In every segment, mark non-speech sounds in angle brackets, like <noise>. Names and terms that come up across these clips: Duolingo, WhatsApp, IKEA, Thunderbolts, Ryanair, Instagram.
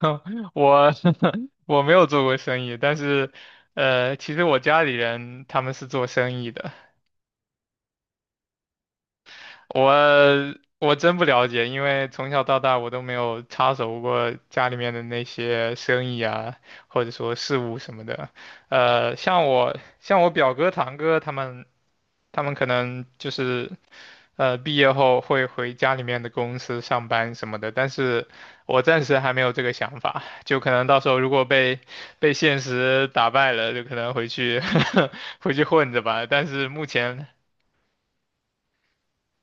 <laughs> 我 <laughs> 我没有做过生意，但是，其实我家里人他们是做生意的，我我真不了解，因为从小到大我都没有插手过家里面的那些生意啊，或者说事务什么的。像我表哥堂哥他们，他们可能就是。毕业后会回家里面的公司上班什么的，但是我暂时还没有这个想法，就可能到时候如果被现实打败了，就可能回去 <laughs> 回去混着吧。但是目前，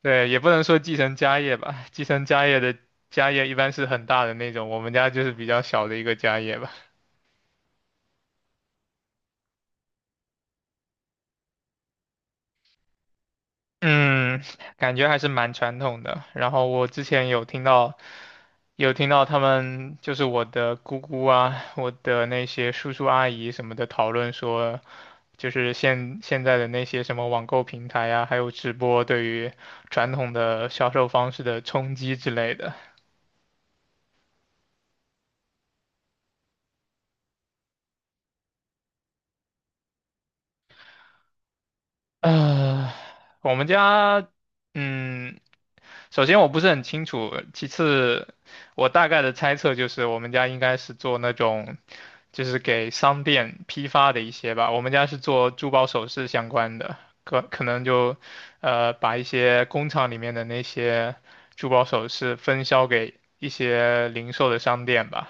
对，也不能说继承家业吧，继承家业的家业一般是很大的那种，我们家就是比较小的一个家业吧。嗯，感觉还是蛮传统的。然后我之前有听到，有听到他们就是我的姑姑啊，我的那些叔叔阿姨什么的讨论说，就是现在的那些什么网购平台啊，还有直播对于传统的销售方式的冲击之类的。呃，我们家，嗯，首先我不是很清楚，其次我大概的猜测就是我们家应该是做那种，就是给商店批发的一些吧。我们家是做珠宝首饰相关的，可能就，把一些工厂里面的那些珠宝首饰分销给一些零售的商店吧。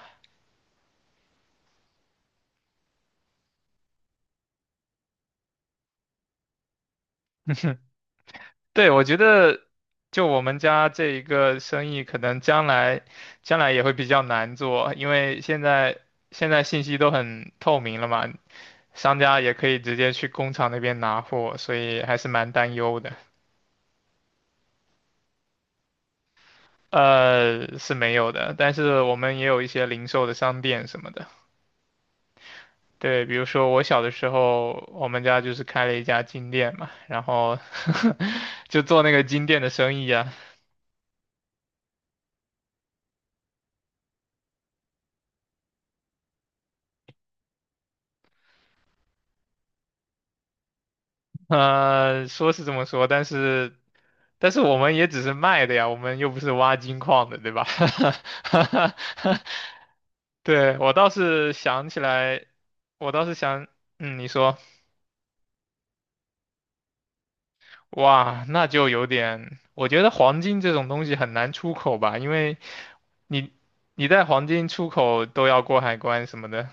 对，我觉得就我们家这一个生意，可能将来也会比较难做，因为现在信息都很透明了嘛，商家也可以直接去工厂那边拿货，所以还是蛮担忧的。是没有的，但是我们也有一些零售的商店什么的。对，比如说我小的时候，我们家就是开了一家金店嘛，然后 <laughs> 就做那个金店的生意啊，说是这么说，但是我们也只是卖的呀，我们又不是挖金矿的，对吧？<laughs> 对，我倒是想起来，我倒是想，嗯，你说，哇，那就有点，我觉得黄金这种东西很难出口吧，因为你你在黄金出口都要过海关什么的，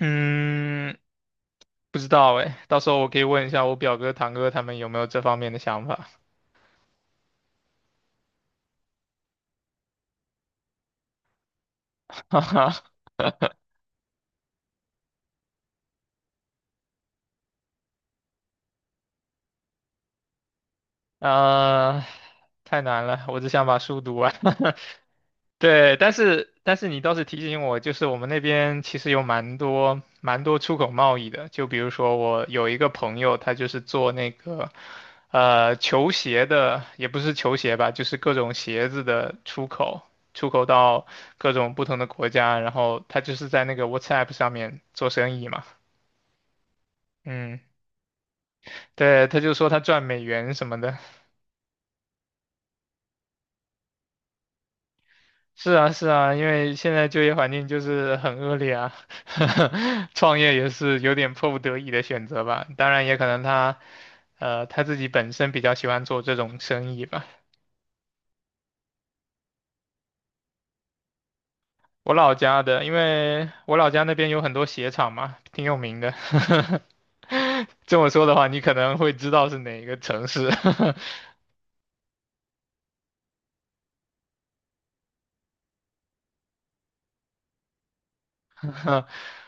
嗯，不知道哎，到时候我可以问一下我表哥、堂哥他们有没有这方面的想法。<laughs> 哈哈。啊、太难了，我只想把书读完。<laughs> 对，但是你倒是提醒我，就是我们那边其实有蛮多出口贸易的，就比如说我有一个朋友，他就是做那个球鞋的，也不是球鞋吧，就是各种鞋子的出口，出口到各种不同的国家，然后他就是在那个 WhatsApp 上面做生意嘛，嗯，对，他就说他赚美元什么的，是啊，是啊，因为现在就业环境就是很恶劣啊，<laughs> 创业也是有点迫不得已的选择吧。当然，也可能他，他自己本身比较喜欢做这种生意吧。我老家的，因为我老家那边有很多鞋厂嘛，挺有名的。<laughs> 这么说的话，你可能会知道是哪一个城市 <laughs>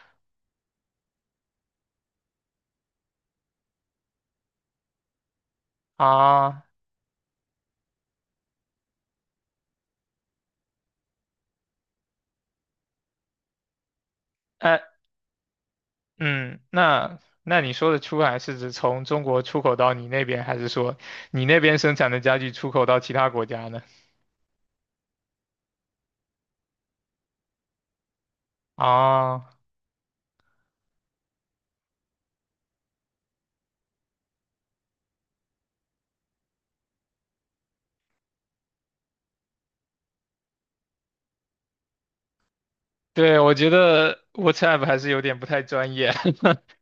啊？哎，嗯，那那你说的出海是指从中国出口到你那边，还是说你那边生产的家具出口到其他国家呢？啊，对，我觉得 WhatsApp 还是有点不太专业。<laughs>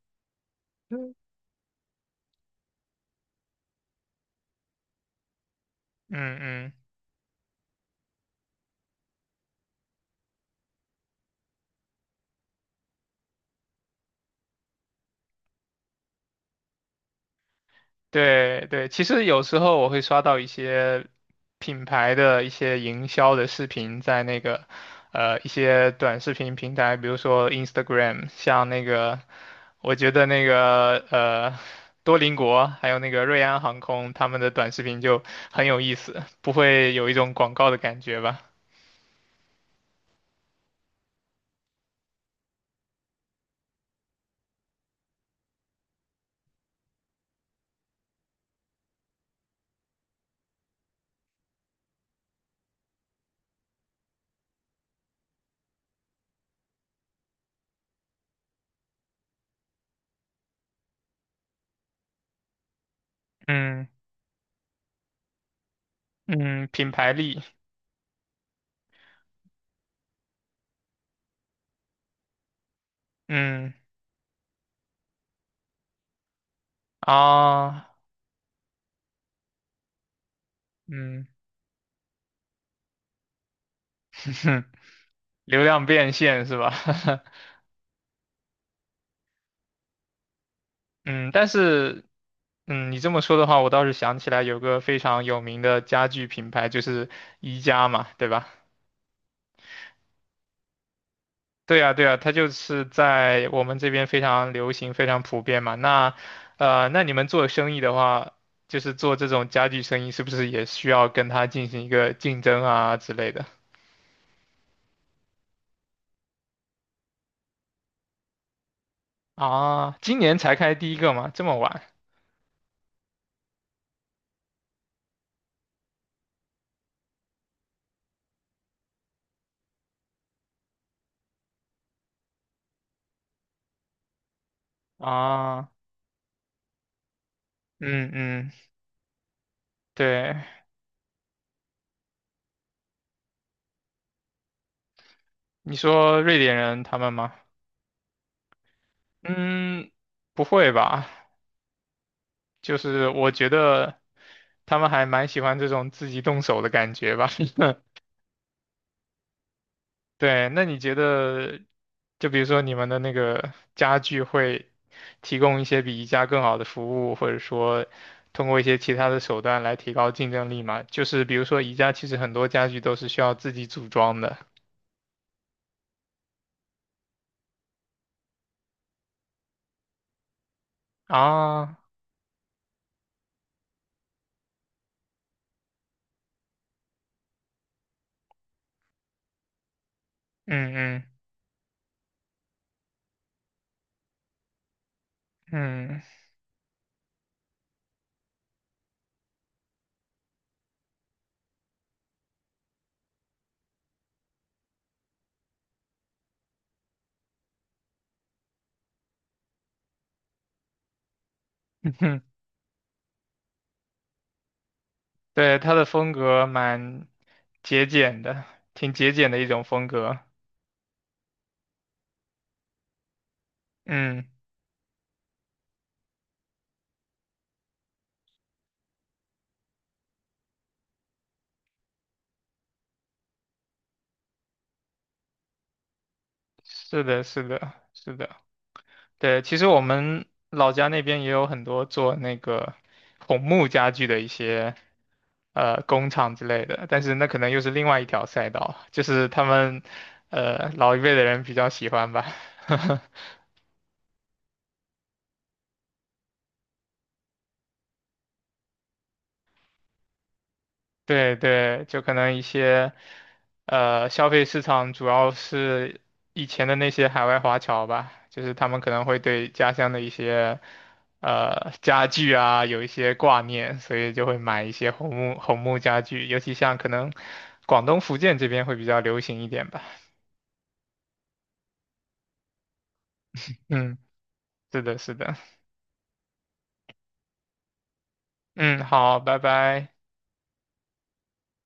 嗯嗯对对，其实有时候我会刷到一些品牌的一些营销的视频，在那个一些短视频平台，比如说 Instagram，像那个我觉得那个多邻国还有那个瑞安航空，他们的短视频就很有意思，不会有一种广告的感觉吧？嗯嗯，品牌力，嗯啊嗯，<laughs> 流量变现是吧？<laughs> 嗯，但是，嗯，你这么说的话，我倒是想起来有个非常有名的家具品牌，就是宜家嘛，对吧？对啊，对啊，它就是在我们这边非常流行、非常普遍嘛。那，那你们做生意的话，就是做这种家具生意，是不是也需要跟它进行一个竞争啊之类的？啊，今年才开第一个吗？这么晚？啊，嗯嗯，对，你说瑞典人他们吗？嗯，不会吧？就是我觉得他们还蛮喜欢这种自己动手的感觉吧。<laughs> 对，那你觉得，就比如说你们的那个家具会提供一些比宜家更好的服务，或者说通过一些其他的手段来提高竞争力吗？就是比如说宜家其实很多家具都是需要自己组装的啊，嗯嗯嗯，<laughs> 对，它的风格蛮节俭的，挺节俭的一种风格，嗯。是的，是的，是的，对，其实我们老家那边也有很多做那个红木家具的一些工厂之类的，但是那可能又是另外一条赛道，就是他们老一辈的人比较喜欢吧。<laughs> 对对，就可能一些，消费市场主要是以前的那些海外华侨吧，就是他们可能会对家乡的一些，家具啊有一些挂念，所以就会买一些红木家具，尤其像可能广东、福建这边会比较流行一点吧。嗯，是的，是的。嗯，好，拜拜。